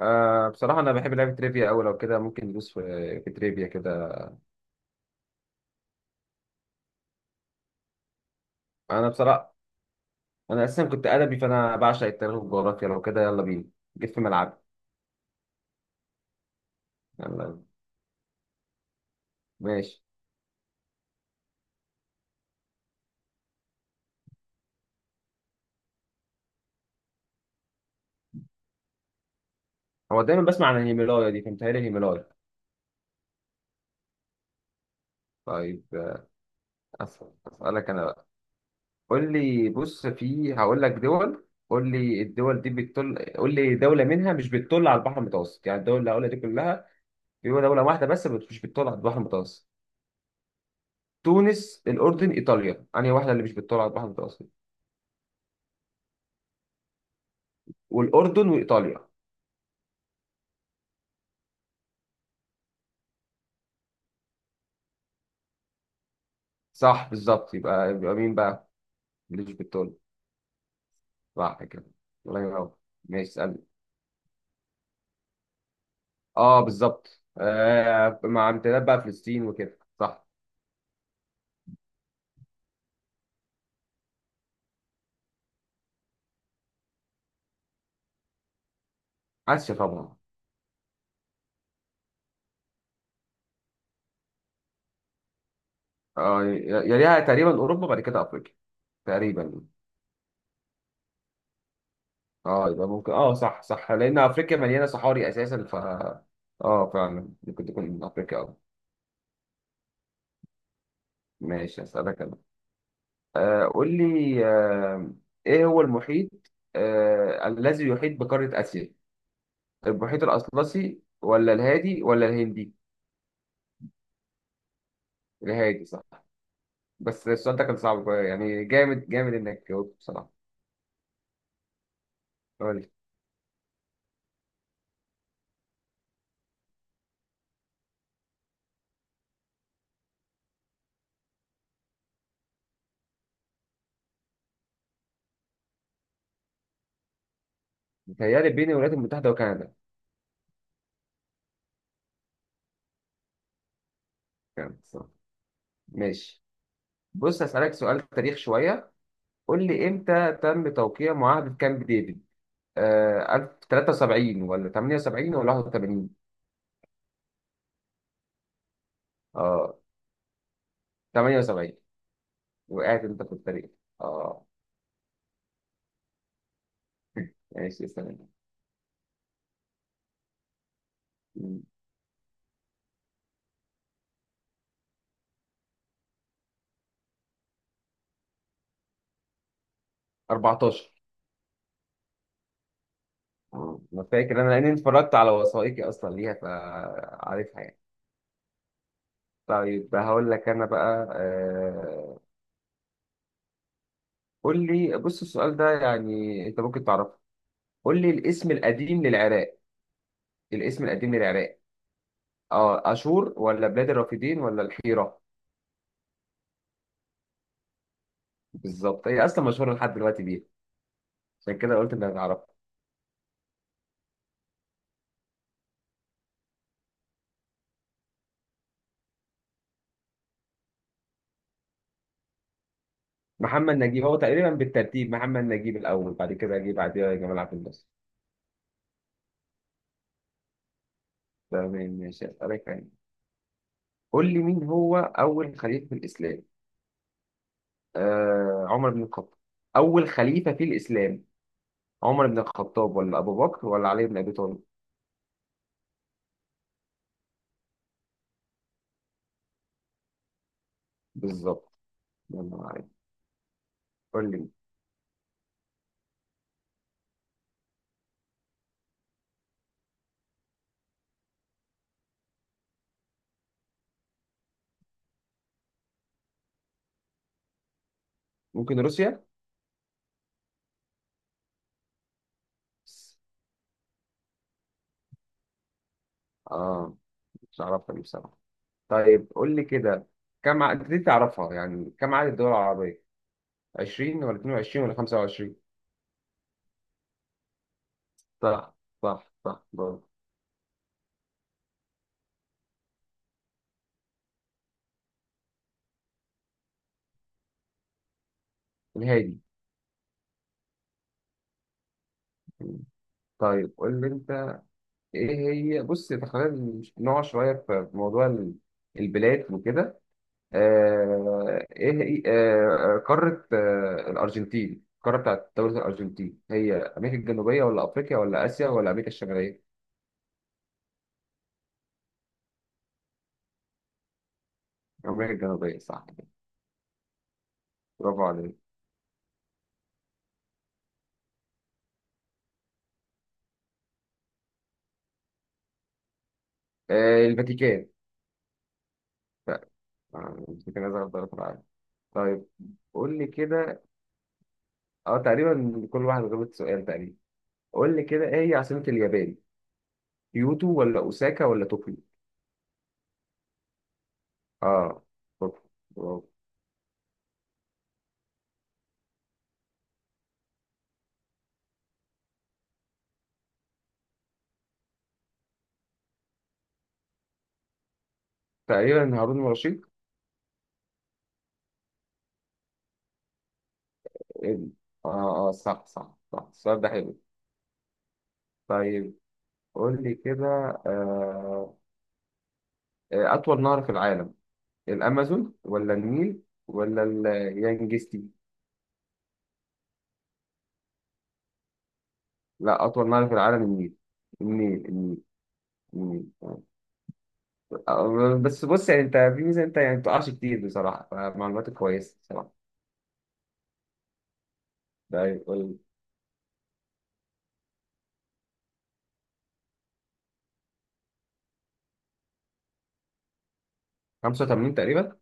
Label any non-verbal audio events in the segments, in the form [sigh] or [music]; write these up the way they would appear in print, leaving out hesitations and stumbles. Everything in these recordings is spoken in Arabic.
بصراحة أنا بحب لعبة تريفيا أوي، لو كده ممكن ندوس في تريفيا كده. أنا بصراحة أنا أساسا كنت أدبي، فأنا بعشق التاريخ والجغرافيا. لو كده يلا بينا، جيت في ملعبي. يلا بينا. ماشي. هو دايما بسمع عن الهيمالايا دي، فمتهيألي الهيمالايا. طيب، أسألك أنا بقى. قول لي، بص، في هقول لك دول. قول لي الدول دي بتطل، قول لي دولة منها مش بتطل على البحر المتوسط، يعني الدول اللي هقولها دي كلها، في دولة واحدة بس مش بتطل على البحر المتوسط. تونس، الأردن، إيطاليا، أنهي واحدة اللي مش بتطل على البحر المتوسط؟ والأردن وإيطاليا. صح بالظبط، يبقى مين بقى؟ مش بتقول. صح كده. الله ينور. ماشي، اسألني. اه بالظبط، مع امتداد بقى فلسطين وكده، صح. آسيا طبعا. اه، يليها تقريبا أوروبا، بعد كده أفريقيا، تقريبا. اه، يبقى ممكن، اه، صح صح، لأن أفريقيا مليانة صحاري أساسا، ف. اه فعلا ممكن تكون من أفريقيا أوي. ماشي، هسألك أنا. قول لي، إيه هو المحيط الذي يحيط بقارة آسيا؟ المحيط الأطلسي ولا الهادي ولا الهندي؟ الهادي صح. بس السؤال ده كان صعب بقى، يعني جامد جامد إنك جاوبت بصراحة. قول لي. متهيألي بين الولايات المتحدة وكندا. كانت صح. ماشي، بص هسألك سؤال تاريخ شوية. قول لي، إمتى تم توقيع معاهدة كامب ديفيد؟ 1073 ولا 78 ولا 81؟ اه، 78. وقعت أنت في الطريق. اه. ماشي، استنى. 14. مم. انا فاكر، لاني اتفرجت على وثائقي اصلا ليها، فعارفها يعني. طيب، هقول لك انا بقى. قول لي، بص، السؤال ده يعني انت ممكن تعرفه. قول لي الاسم القديم للعراق. الاسم القديم للعراق. اه اشور ولا بلاد الرافدين ولا الحيرة؟ بالظبط. هي اصلا مشهوره لحد دلوقتي بيها، عشان كده قلت انك هتعرفها. محمد نجيب، هو تقريبا بالترتيب محمد نجيب الاول، بعد كده اجيب بعديها جمال عبد الناصر. تمام ماشي، اسالك يعني. قول لي، مين هو اول خليفه في الاسلام؟ عمر بن الخطاب. اول خليفه في الاسلام، عمر بن الخطاب ولا ابو بكر ولا علي بن ابي طالب؟ بالظبط. يلا عارف. قول لي. ممكن روسيا. اه، مش عارفها دي بصراحه. طيب قول لي كده، كم عدد دي تعرفها يعني، كم عدد الدول العربيه؟ 20 ولا 22 ولا 25؟ صح، صح، صح، برافو. الهادي. طيب، قول لي انت، ايه. هي بص، تخيل نقع شويه في موضوع البلاد وكده. ايه هي- آه، قارة آه، الأرجنتين القارة بتاعت دولة الأرجنتين هي أمريكا الجنوبية ولا أفريقيا ولا آسيا ولا أمريكا الشمالية؟ أمريكا الجنوبية، صح كده. برافو عليك. الفاتيكان. لا. الفاتيكان أصغر دولة في العالم. طيب، قول لي كده. تقريبا كل واحد غلط سؤال تقريبا. قول لي كده، إيه هي عاصمة اليابان؟ كيوتو ولا أوساكا ولا طوكيو؟ أه طوكيو. برافو. تقريبا هارون الرشيد. اه، اه، صح، صح، صح. السؤال ده حلو. طيب، قول لي كده. آه، أطول نهر في العالم، الأمازون ولا النيل ولا اليانجستي؟ لا، أطول نهر في العالم النيل. النيل، النيل، النيل. بس بص، يعني أنت في ميزة، أنت يعني بتقعش كتير بصراحة، فمعلوماتك كويسة بصراحة. ده يقول. 85 تقريبا.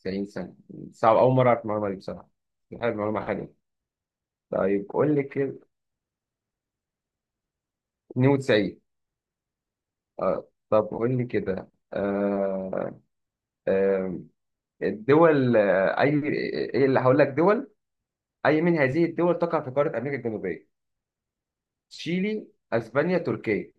90 سنة. صعب، أول مرة أعرف المعلومة دي بصراحة. حلو، معلومة حلوة. طيب قول لي كده. 92. طب قول لي كده. آه، الدول، أي، إيه اللي هقول لك دول، أي من هذه الدول تقع في قارة أمريكا الجنوبية؟ تشيلي، أسبانيا، تركيا؟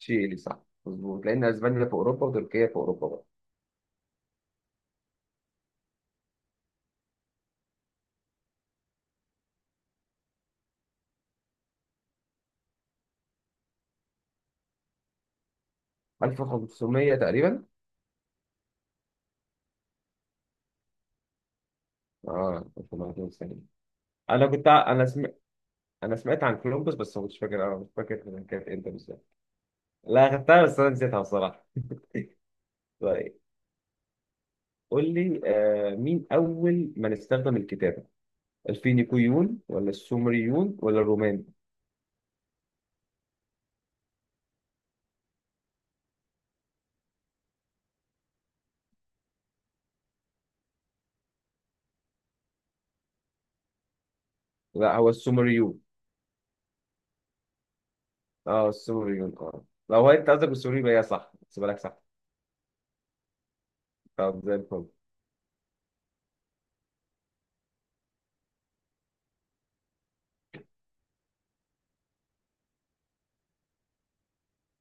تشيلي صح. مظبوط، لأن أسبانيا في أوروبا وتركيا في أوروبا بقى. 1500 تقريبا. اه، 1500 سنة. أنا كنت ع- أنا سم... أنا سمعت عن كولومبوس، بس ما كنتش فاكر، أنا مش فاكر. كانت إمتى بالظبط؟ لا، خدتها بس أنا نسيتها بصراحة. طيب، قول لي، مين أول من استخدم الكتابة؟ الفينيقيون ولا السومريون ولا الرومان؟ لا، هو السومريون. اه، السوري، اه، لو هو انت قصدك بالسوري، يبقى هي صح، احسبها لك صح. طب زي الفل.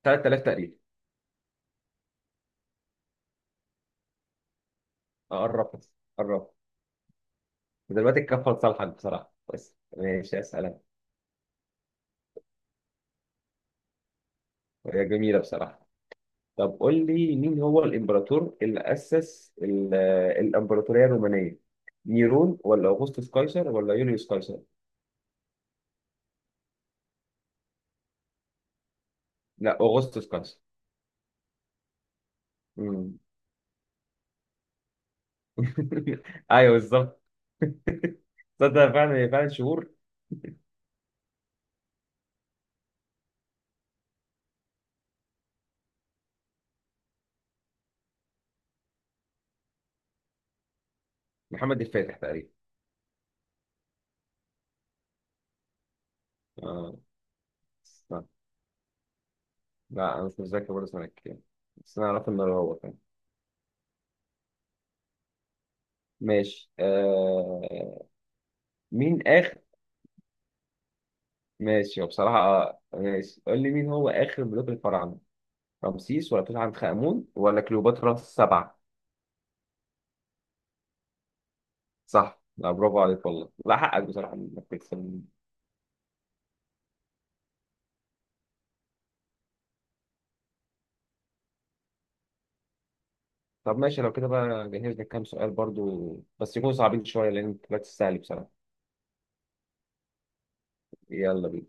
3000 تقريبا. اه، قربت، قربت. دلوقتي الكفه لصالحك بصراحه، بس ماشي، اسالك. هي جميله بصراحه. طب قول لي، مين هو الامبراطور اللي اسس الامبراطوريه الرومانيه؟ نيرون ولا اوغسطس قيصر ولا يوليوس قيصر؟ لا، اوغسطس قيصر. مم. [laughs] ايوه، بالظبط. تصدق فعلا، فعلا شهور. محمد الفاتح تقريبا. اه، لا، انا مش متذكر برضه سنه كام، بس انا اعرف ان هو كان. ماشي. مين اخر ماشي، هو بصراحه. ماشي، قول لي مين هو اخر ملوك الفراعنه. رمسيس ولا توت عنخ امون ولا كليوباترا السبعه؟ صح، لا برافو عليك والله، لا، حقك بصراحه انك تكسب. طب ماشي، لو كده بقى جهزنا كام سؤال برضو، بس يكونوا صعبين شويه لان انت بقى تستاهل بصراحه. يلا بينا